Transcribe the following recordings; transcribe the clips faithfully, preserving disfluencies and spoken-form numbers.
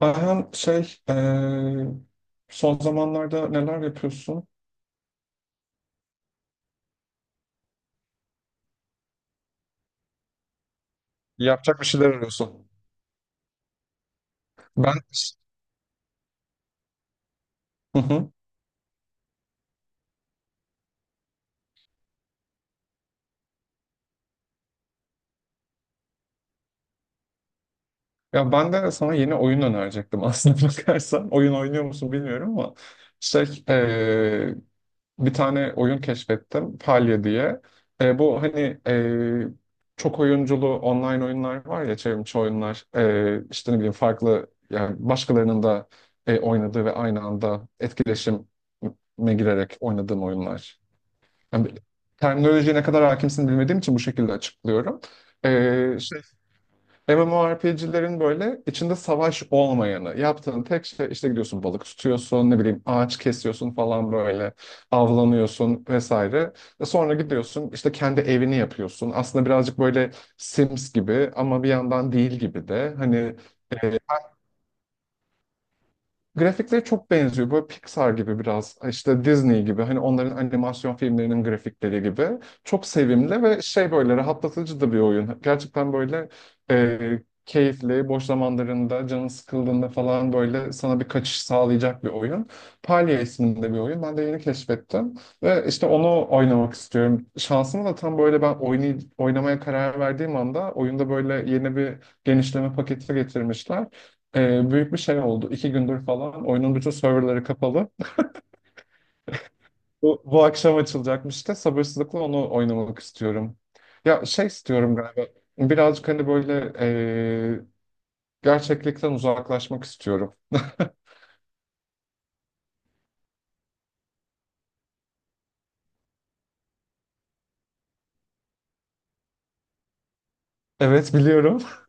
Ayhan, şey eee, son zamanlarda neler yapıyorsun? Yapacak bir şeyler arıyorsun. Ben Hı hı. Ya ben de sana yeni oyun önerecektim aslında bakarsan. Oyun oynuyor musun bilmiyorum ama şey eee, bir tane oyun keşfettim, Palya diye. E, bu hani eee, çok oyunculu online oyunlar var ya, çevrimiçi oyunlar. Eee işte ne bileyim, farklı yani, başkalarının da e, oynadığı ve aynı anda etkileşime girerek oynadığım oyunlar. Yani terminolojiye ne kadar hakimsin bilmediğim için bu şekilde açıklıyorum. Ee, şey, M M O R P G'lerin böyle içinde savaş olmayanı. Yaptığın tek şey işte gidiyorsun, balık tutuyorsun, ne bileyim ağaç kesiyorsun falan böyle, avlanıyorsun vesaire. E sonra gidiyorsun işte kendi evini yapıyorsun. Aslında birazcık böyle Sims gibi ama bir yandan değil gibi de. Hani, e, grafikleri çok benziyor. Böyle Pixar gibi biraz, işte Disney gibi, hani onların animasyon filmlerinin grafikleri gibi. Çok sevimli ve şey, böyle rahatlatıcı da bir oyun. Gerçekten böyle e, keyifli, boş zamanlarında, canın sıkıldığında falan böyle sana bir kaçış sağlayacak bir oyun. Palya isminde bir oyun. Ben de yeni keşfettim. Ve işte onu oynamak istiyorum. Şansıma da tam böyle ben oynay oynamaya karar verdiğim anda oyunda böyle yeni bir genişleme paketi getirmişler. Ee, büyük bir şey oldu. İki gündür falan oyunun bütün serverları kapalı. Bu, bu akşam açılacakmış da sabırsızlıkla onu oynamak istiyorum. Ya şey istiyorum galiba. Birazcık hani böyle, ee, gerçeklikten uzaklaşmak istiyorum. Evet, biliyorum.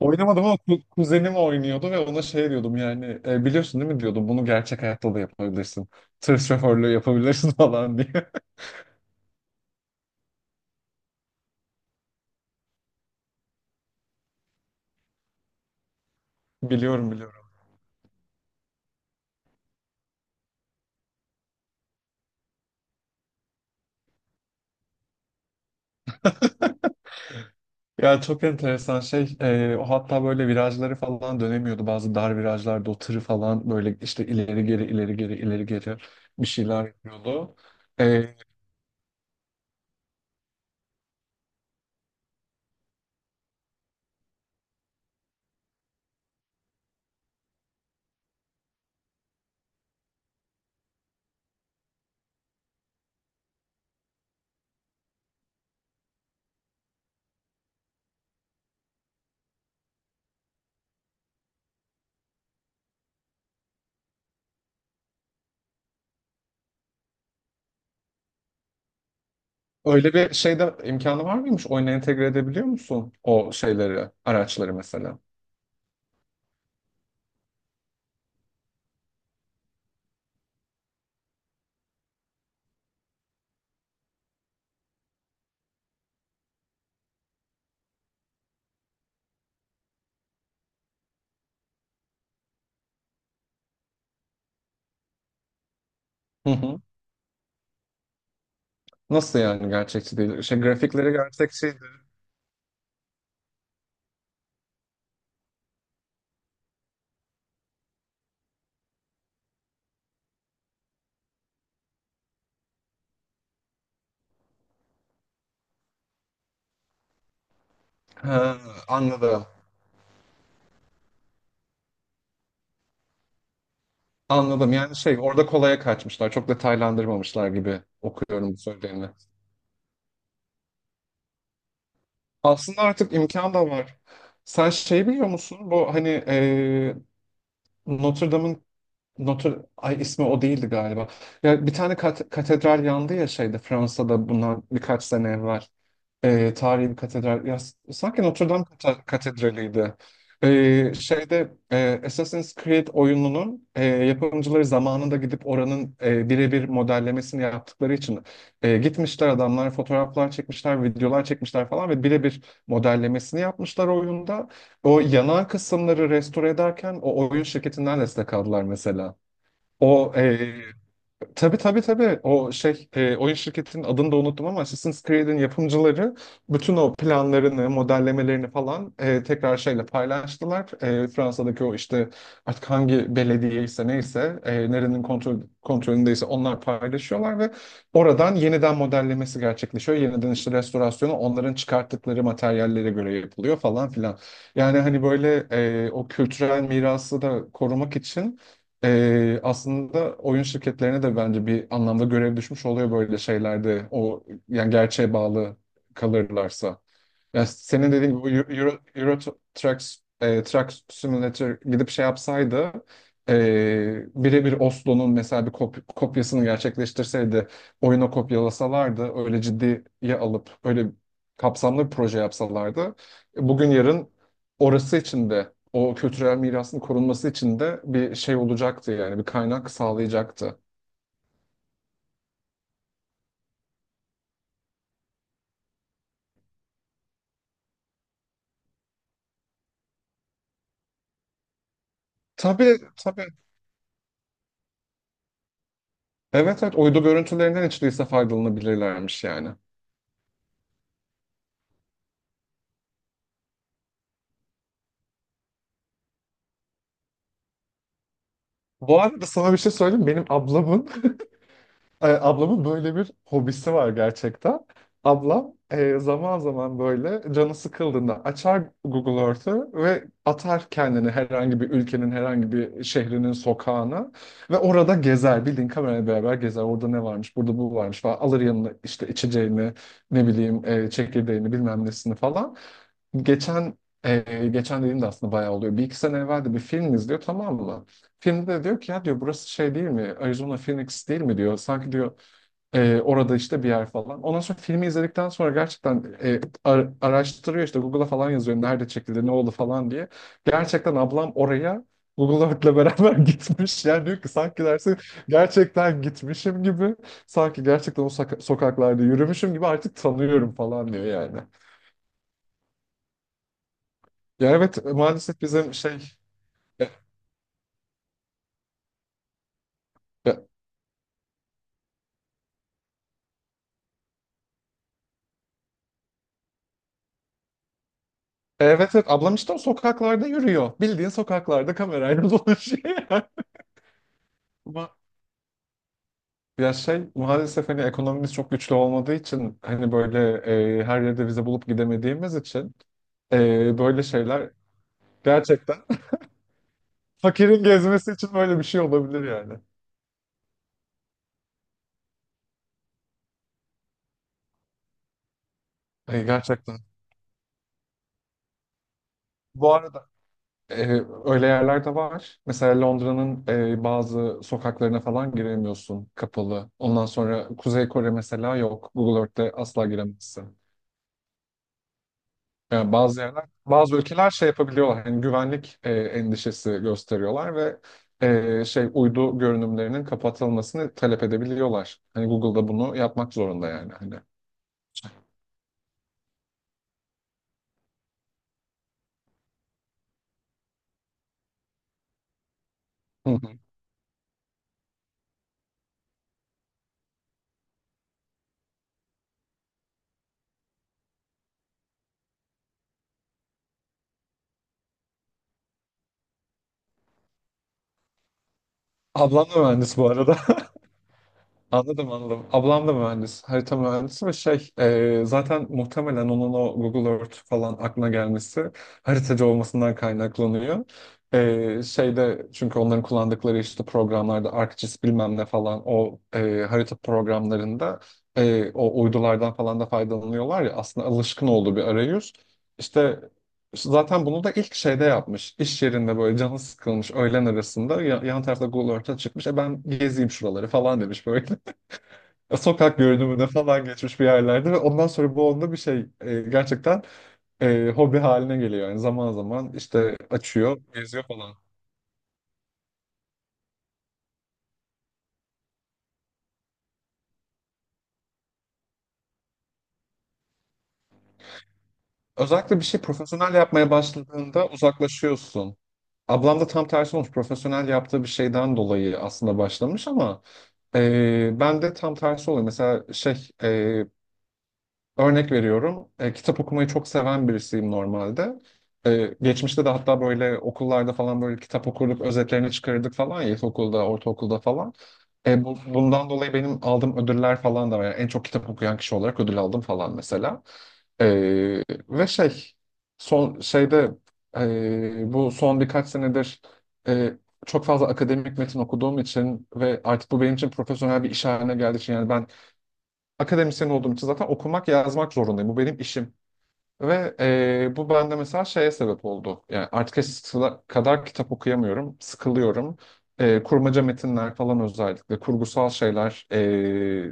Oynamadım ama ku- kuzenim oynuyordu ve ona şey diyordum yani, "E, biliyorsun değil mi, diyordum, bunu gerçek hayatta da yapabilirsin. Tır şoförlüğü yapabilirsin" falan diye. Biliyorum, biliyorum. Ya çok enteresan şey. E, o hatta böyle virajları falan dönemiyordu. Bazı dar virajlarda o tırı falan böyle işte ileri geri, ileri geri, ileri geri bir şeyler yapıyordu. E, Öyle bir şeyde imkanı var mıymış? Oyuna entegre edebiliyor musun o şeyleri, araçları mesela? Hı hı. Nasıl yani, gerçekçi değil? Şey, grafikleri gerçekçiydi. Ha, anladım. Anladım. Yani şey, orada kolaya kaçmışlar. Çok detaylandırmamışlar gibi okuyorum bu söylediğini. Aslında artık imkan da var. Sen şey biliyor musun? Bu hani, e, Notre Dame'ın... Notre, ay, ismi o değildi galiba. Ya bir tane kat- katedral yandı ya, şeyde, Fransa'da, bundan birkaç sene evvel, e, tarihi bir katedral. Ya, s- sanki Notre Dame kate- katedraliydi. E, şeyde e, Assassin's Creed oyununun e, yapımcıları zamanında gidip oranın e, birebir modellemesini yaptıkları için e, gitmişler adamlar, fotoğraflar çekmişler, videolar çekmişler falan ve birebir modellemesini yapmışlar oyunda. O yanan kısımları restore ederken o oyun şirketinden destek aldılar mesela. O e, Tabii, tabii, tabii, o şey, e, oyun şirketinin adını da unuttum, ama Assassin's Creed'in yapımcıları bütün o planlarını, modellemelerini falan e, tekrar şeyle paylaştılar. E, Fransa'daki o işte, artık hangi belediye ise neyse, e, nerenin kontrol, kontrolündeyse onlar paylaşıyorlar ve oradan yeniden modellemesi gerçekleşiyor. Yeniden işte restorasyonu onların çıkarttıkları materyallere göre yapılıyor falan filan. Yani hani böyle, e, o kültürel mirası da korumak için, ee, aslında oyun şirketlerine de bence bir anlamda görev düşmüş oluyor böyle şeylerde. O yani, gerçeğe bağlı kalırlarsa. Ya senin dediğin gibi bu Euro, Euro Truck, e, Truck Simulator gidip şey yapsaydı, e, birebir Oslo'nun mesela bir kop- kopyasını gerçekleştirseydi, oyuna kopyalasalardı, öyle ciddiye alıp öyle kapsamlı bir proje yapsalardı, e, bugün yarın orası için de, o kültürel mirasın korunması için de bir şey olacaktı yani, bir kaynak sağlayacaktı. Tabii, tabii. Evet, evet, uydu görüntülerinden hiç değilse faydalanabilirlermiş yani. Bu arada sana bir şey söyleyeyim. Benim ablamın e, ablamın böyle bir hobisi var gerçekten. Ablam, e, zaman zaman böyle canı sıkıldığında açar Google Earth'ı ve atar kendini herhangi bir ülkenin herhangi bir şehrinin sokağına ve orada gezer. Bildiğin kamerayla beraber gezer. Orada ne varmış, burada bu varmış falan. Alır yanına işte içeceğini, ne bileyim e, çekirdeğini, bilmem nesini falan. Geçen e, geçen dediğimde aslında bayağı oluyor. Bir iki sene evvel de bir film izliyor, tamam mı? Filmde de diyor ki, ya, diyor, burası şey değil mi? Arizona Phoenix değil mi, diyor. Sanki, diyor, "e, orada işte bir yer falan". Ondan sonra filmi izledikten sonra gerçekten e, ar- araştırıyor, işte Google'a falan yazıyor, nerede çekildi, ne oldu falan diye. Gerçekten ablam oraya Google Earth'le beraber gitmiş. Yani diyor ki, sanki dersin gerçekten gitmişim gibi. Sanki gerçekten o soka- sokaklarda yürümüşüm gibi, artık tanıyorum falan diyor yani. Ya evet, maalesef bizim şey... e, e, Evet, evet, ablam işte o sokaklarda yürüyor. Bildiğin sokaklarda kamerayla dolaşıyor. Ama ya, şey, maalesef hani ekonomimiz çok güçlü olmadığı için, hani böyle, e, her yerde vize bulup gidemediğimiz için, e, böyle şeyler, gerçekten fakirin gezmesi için böyle bir şey olabilir yani. E, gerçekten. Bu arada e, öyle yerler de var. Mesela Londra'nın e, bazı sokaklarına falan giremiyorsun, kapalı. Ondan sonra Kuzey Kore mesela, yok. Google Earth'te asla giremezsin. Yani bazı yerler, bazı ülkeler şey yapabiliyorlar. Hani güvenlik e, endişesi gösteriyorlar ve, e, şey, uydu görünümlerinin kapatılmasını talep edebiliyorlar. Hani Google'da bunu yapmak zorunda yani. Hani. Hı hı. Ablam da mühendis bu arada. Anladım, anladım. Ablam da mühendis, harita mühendisi ve şey, e, zaten muhtemelen onun o Google Earth falan aklına gelmesi haritacı olmasından kaynaklanıyor. E, şeyde, çünkü onların kullandıkları işte programlarda, ArcGIS bilmem ne falan, o e, harita programlarında, e, o uydulardan falan da faydalanıyorlar ya, aslında alışkın olduğu bir arayüz. İşte zaten bunu da ilk şeyde yapmış. İş yerinde böyle canı sıkılmış, öğlen arasında ya- yan tarafta Google Earth'a çıkmış. E, ben gezeyim şuraları falan demiş böyle. E, sokak görünümüne falan geçmiş bir yerlerde ve ondan sonra bu onda bir şey, e, gerçekten e, hobi haline geliyor. Yani zaman zaman işte açıyor, geziyor falan. Özellikle bir şey profesyonel yapmaya başladığında uzaklaşıyorsun. Ablam da tam tersi olmuş. Profesyonel yaptığı bir şeyden dolayı aslında başlamış ama e, ben de tam tersi oluyor. Mesela şey, e, Örnek veriyorum. e, kitap okumayı çok seven birisiyim normalde. E, geçmişte de hatta böyle okullarda falan böyle kitap okurduk, özetlerini çıkarırdık falan ya, ilkokulda, ortaokulda falan. E, bu- bundan dolayı benim aldığım ödüller falan da var. Yani en çok kitap okuyan kişi olarak ödül aldım falan mesela. E, ve şey, son şeyde, e, bu son birkaç senedir, e, çok fazla akademik metin okuduğum için ve artık bu benim için profesyonel bir iş haline geldiği için, yani ben akademisyen olduğum için zaten okumak, yazmak zorundayım. Bu benim işim. Ve e, bu bende mesela şeye sebep oldu. Yani artık eskisi kadar kitap okuyamıyorum, sıkılıyorum. E, kurmaca metinler falan özellikle, kurgusal şeyler, e,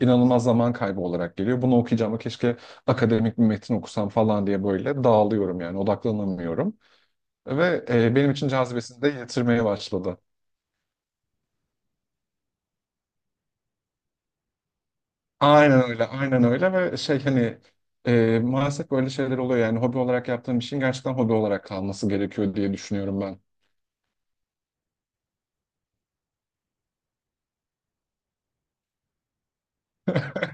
inanılmaz zaman kaybı olarak geliyor. Bunu okuyacağıma keşke akademik bir metin okusam falan diye böyle dağılıyorum yani, odaklanamıyorum. Ve e, benim için cazibesini de yitirmeye başladı. Aynen öyle, aynen öyle, ve şey hani, e, maalesef böyle şeyler oluyor yani, hobi olarak yaptığım işin gerçekten hobi olarak kalması gerekiyor diye düşünüyorum ben.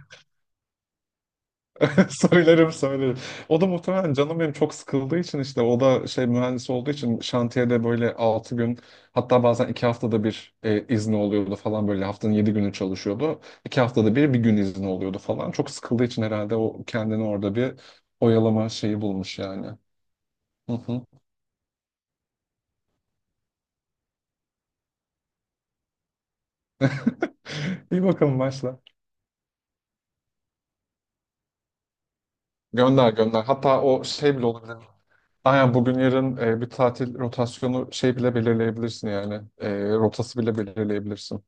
Söylerim, söylerim. O da muhtemelen canım benim çok sıkıldığı için, işte o da şey, mühendis olduğu için şantiyede böyle altı gün, hatta bazen iki haftada bir e, izni oluyordu falan, böyle haftanın yedi günü çalışıyordu. iki haftada bir bir gün izni oluyordu falan. Çok sıkıldığı için herhalde o kendini orada bir oyalama şeyi bulmuş yani. Hı hı. İyi bakalım, başla. Gönder, gönder. Hatta o şey bile olabilir. Aynen, bugün yarın e, bir tatil rotasyonu şey bile belirleyebilirsin yani. E, rotası bile belirleyebilirsin.